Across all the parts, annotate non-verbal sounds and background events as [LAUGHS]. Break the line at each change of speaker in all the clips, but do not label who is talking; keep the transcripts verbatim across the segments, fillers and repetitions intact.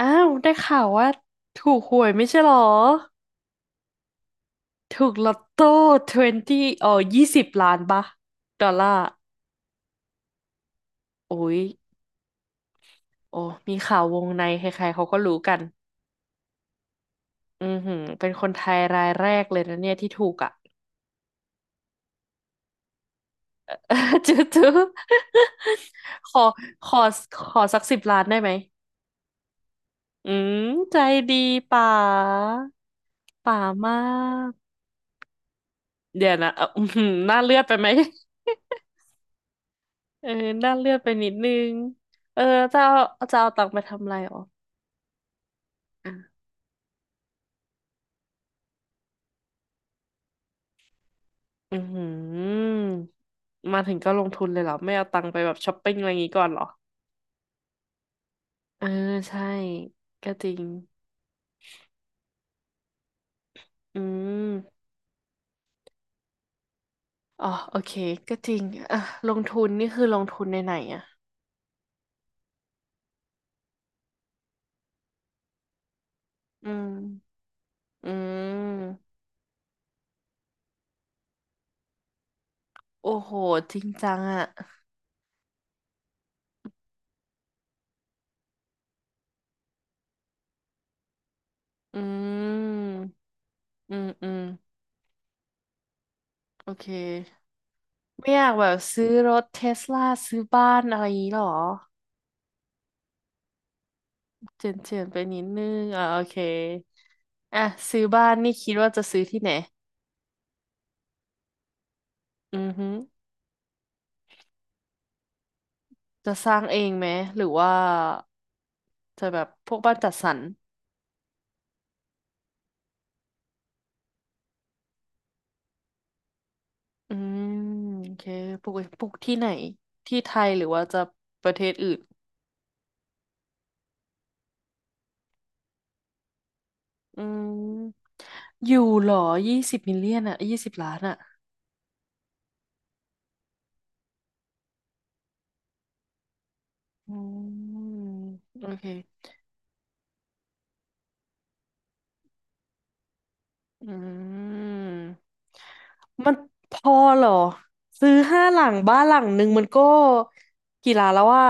อ้าวได้ข่าวว่าถูกหวยไม่ใช่หรอถูกลอตโต้ยี่สิบเอ่อยี่สิบล้านปะดอลลาร์โอ้ยโอ้มีข่าววงในใครๆเขาก็รู้กันอือหือเป็นคนไทยรายแรกเลยนะเนี่ยที่ถูกอ่ะ [LAUGHS] จื๊อจื๊อขอขอขอสักสิบล้านได้ไหมอืมใจดีป๋าป๋ามากเดี๋ยวนะเอ่ออื้อหือน่าเลือดไปไหม เออด้านเลือดไปนิดนึงเออจะเอาจะเอาตังค์ไปทำอะไรอ๋ออือหือมาถึงก็ลงทุนเลยเหรอ ไม่เอาตังค์ไปแบบช้อปปิ้งอะไรอย่างงี้ก่อนเหรอเออใช่ ก็จริงอืมอ๋อโอเค ก็จริงอ่ะลงทุนนี่คือลงทุนในไหนอ่ะอืมอืม โอ้โหจริงจังอ่ะอืม อืมอืมโอเคไม่อยากแบบซื้อรถเทสลาซื้อบ้านอะไรอย่างงี้หรอ เฉียนเฉียนไปนิดนึงอ่าโอเคอ่ะซื้อบ้านนี่คิดว่าจะซื้อที่ไหนอือฮึจะสร้างเองไหมหรือว่าจะแบบพวกบ้านจัดสรรอืมโอเคปลูกปลูกที่ไหนที่ไทยหรือว่าจะประเทศอื่นอืมอยู่เหรอยี่สิบมิลเลียนอ่ะยี่สิบล้านอ่ะอืมโอเค อืมมันพอเหรอซื้อห้าหลังบ้านหลังหนึ่งมันก็กี่ล้านแล้วว่า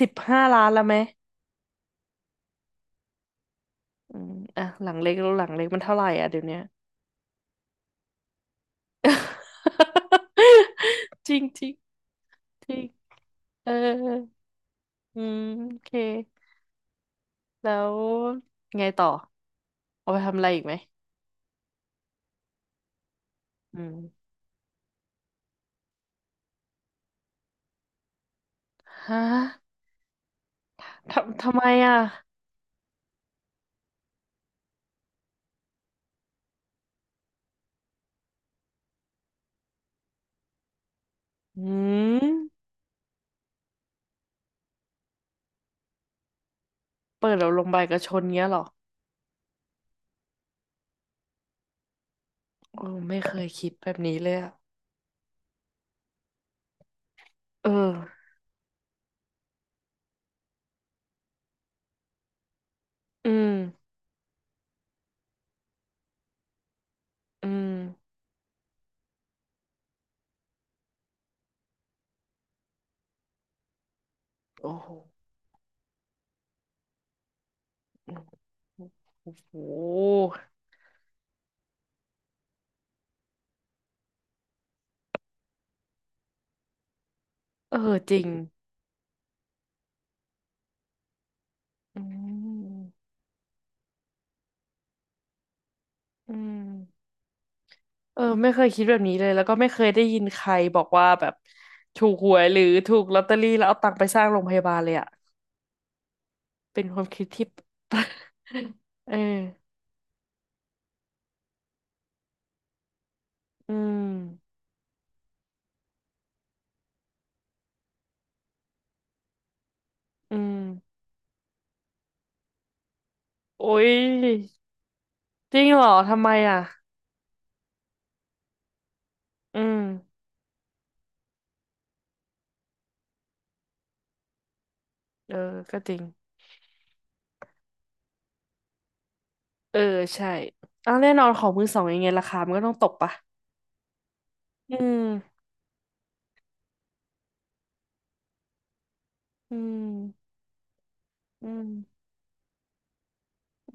สิบห้าล้านแล้วไหมอืมอ่ะหลังเล็กแล้วหลังเล็กมันเท่าไหร่อ่ะเดี๋ยวเนี้ย [LAUGHS] จริงจริงจริงเอออืมโอเคแล้วไงต่อเอาไปทำอะไรอีกไหมอืมฮะทำทำไมอ่ะอืมเปิดเราลงใบกระชนเงี้ยเหรอโอ้ไม่เคยคิดแบบนี้เลยอ่ะเอออืม อืมโอ้โหอืมโอ้โหเออจริงอืมอืมเออไม่เคยคิดแบบนี้เลยแล้วก็ไม่เคยได้ยินใครบอกว่าแบบถูกหวยหรือถูกลอตเตอรี่แล้วเอาตังค์ไปสร้างโรงพยาบาลเลยอะเป็นความคิดที่ [LAUGHS] เอออืมอืมโอ้ยจริงเหรอทำไมอ่ะอืมเออก็จริงเออใช่อ้าวแน่นอนของมือสองยังไงราคามันก็ต้องตกปะอืมอืมอืม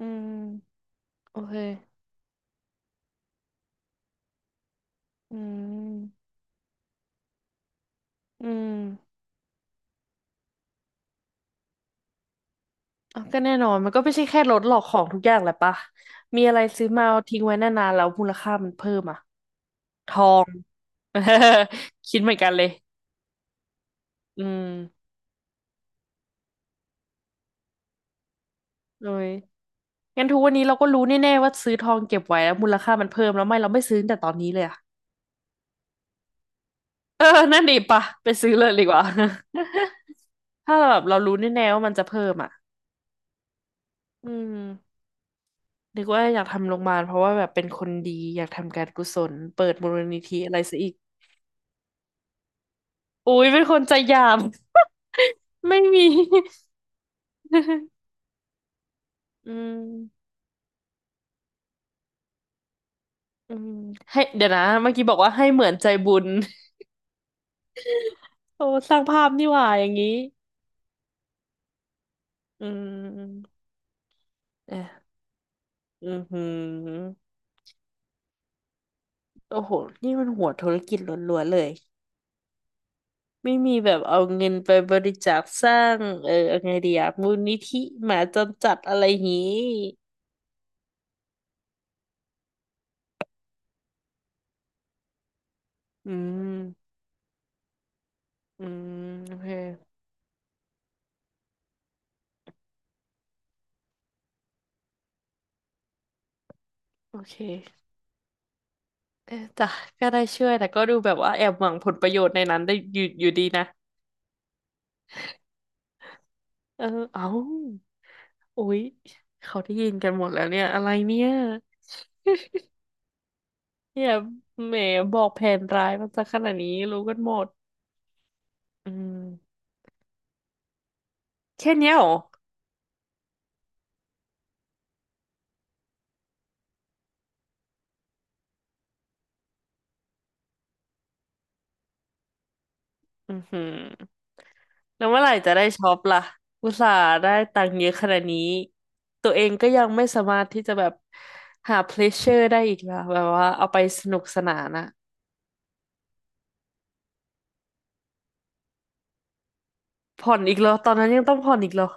อืมโอเคอืมอืมอ่ะก็แน่นอนมันก็ไม่ใช่แค่รถหรอกของทุกอย่างแหละปะมีอะไรซื้อมาเอาทิ้งไว้นานๆแล้วมูลค่ามันเพิ่มอ่ะทอง [LAUGHS] คิดเหมือนกันเลยอืมเลยงั้นทุกวันนี้เราก็รู้แน่ๆว่าซื้อทองเก็บไว้แล้วมูลค่ามันเพิ่มแล้วไม่เราไม่ซื้อตั้งแต่ตอนนี้เลยอ่ะ [LAUGHS] เออนั่นดีปะไปซื้อเลยดีกว่า [LAUGHS] ถ้าเราแบบเรารู้แน่ๆว่ามันจะเพิ่มอ่ะอืม นึกว่าอยากทำโรงพยาบาลเพราะว่าแบบเป็นคนดีอยากทำการกุศลเปิดมูลนิธิอะไรซะอีกอุ๊ยเป็นคนใจหยาม [LAUGHS] ไม่มี [LAUGHS] อืมอืมให้เดี๋ยวนะเมื่อกี้บอกว่าให้เหมือนใจบุญ [LAUGHS] โอ้สร้างภาพนี่หว่าอย่างนี้อืมเอะอือหือโอ้โหนี่มันหัวธุรกิจล้วนๆเลยไม่มีแบบเอาเงินไปบริจาคสร้างเออเอาไงดีอะมูลนิธิหมาจรจัดอะไรอย่างงี้อืมอืมโอเค โอเคเออจ้ะก็ได้ช่วยแต่ก็ดูแบบว่าแอบหวังผลประโยชน์ในนั้นได้อยู่อยู่ดีนะเออเอ้าอุ๊ยเขาได้ยินกันหมดแล้วเนี่ยอะไรเนี่ยเนี่ยแหมบอกแผนร้ายมันซะขนาดนี้รู้กันหมดอืมแค่เนี้ยเหรออือหือแล้วเมื่อไหร่จะได้ช็อปล่ะอุตส่าห์ได้ตังค์เยอะขนาดนี้ตัวเองก็ยังไม่สามารถที่จะแบบหาเพลชเชอร์ได้อีกล่ะแบบว่าเอาไปสนุกสนานอะ ผ่อนอีกเหรอตอนนั้นยังต้องผ่อนอีกเหรอ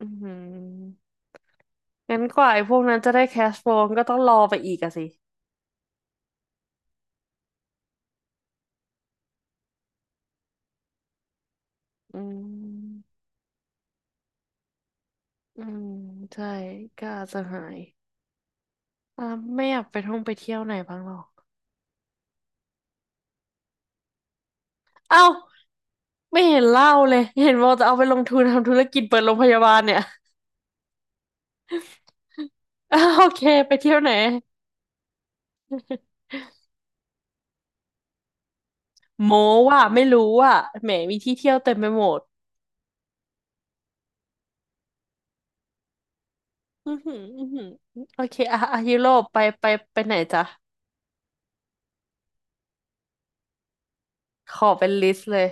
อืองั้นกว่าไอ้พวกนั้นจะได้แคชโฟมก็ต้องรอไปอีกอะสิอืมอืมใช่ก็อาจจะหายอ่าไม่อยากไปท่องไปเที่ยวไหนบ้างหรอกเอ้าไม่เห็นเล่าเลยเห็นว่าจะเอาไปลงทุนทำธุรกิจเปิดโรงพยาบาลเนี่ย [LAUGHS] อ้าวโอเคไปเที่ยวไหนโมว่าไม่รู้ว่าแหมมีที่เที่ยวเต็มไปหมดอือหืออือหือโอเคอ่ะอ่ะยุโรปไปไปไปไหนจ๊ะขอเป็นลิสต์เลย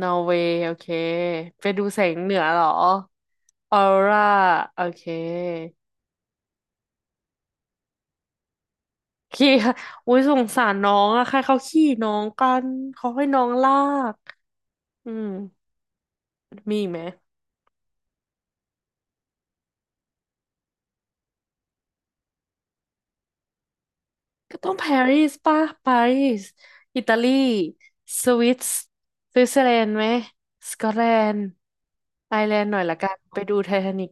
นอร์เวย์โอเคไปดูแสงเหนือเหรอออร่าโอเคขี้ [LAUGHS] อุ้ยสงสารน้องอะใครเขาขี่น้องกันเขาให้น้องลากอืมมีอีกไหมก็ต้องปารีสป่ะปารีสอิตาลีสวิตส์สวิตเซอร์แลนด์ไหมสกอตแลนด์ไอร์แลนด์หน่อยละกันไปดูไททานิก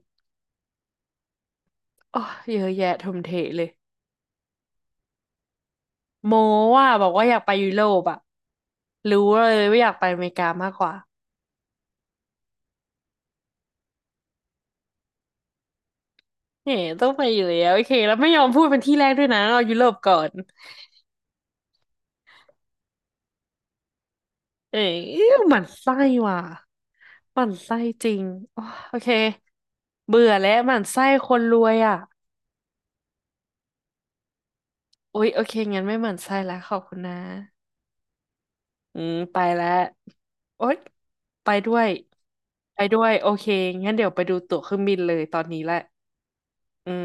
อ๋อเยอะแยะทมเทเลยโมว่าบอกว่าอยากไปยุโรปอะรู้เลยว่าอยากไปอเมริกามากกว่า เอ๋ต้องไปอยู่แล้วโอเคแล้วไม่ยอมพูดเป็นที่แรกด้วยนะเอายุโรปก่อนเอ๋หมั่นไส้ว่ะหมั่นไส้จริงอ๋อโอเคเบื่อแล้วหมั่นไส้คนรวยอ่ะโอ๊ยโอเคงั้นไม่หมั่นไส้แล้วขอบคุณนะอืมไปแล้วโอ๊ยไปด้วยไปด้วยโอเคงั้นเดี๋ยวไปดูตั๋วเครื่องบินเลยตอนนี้แหละอืม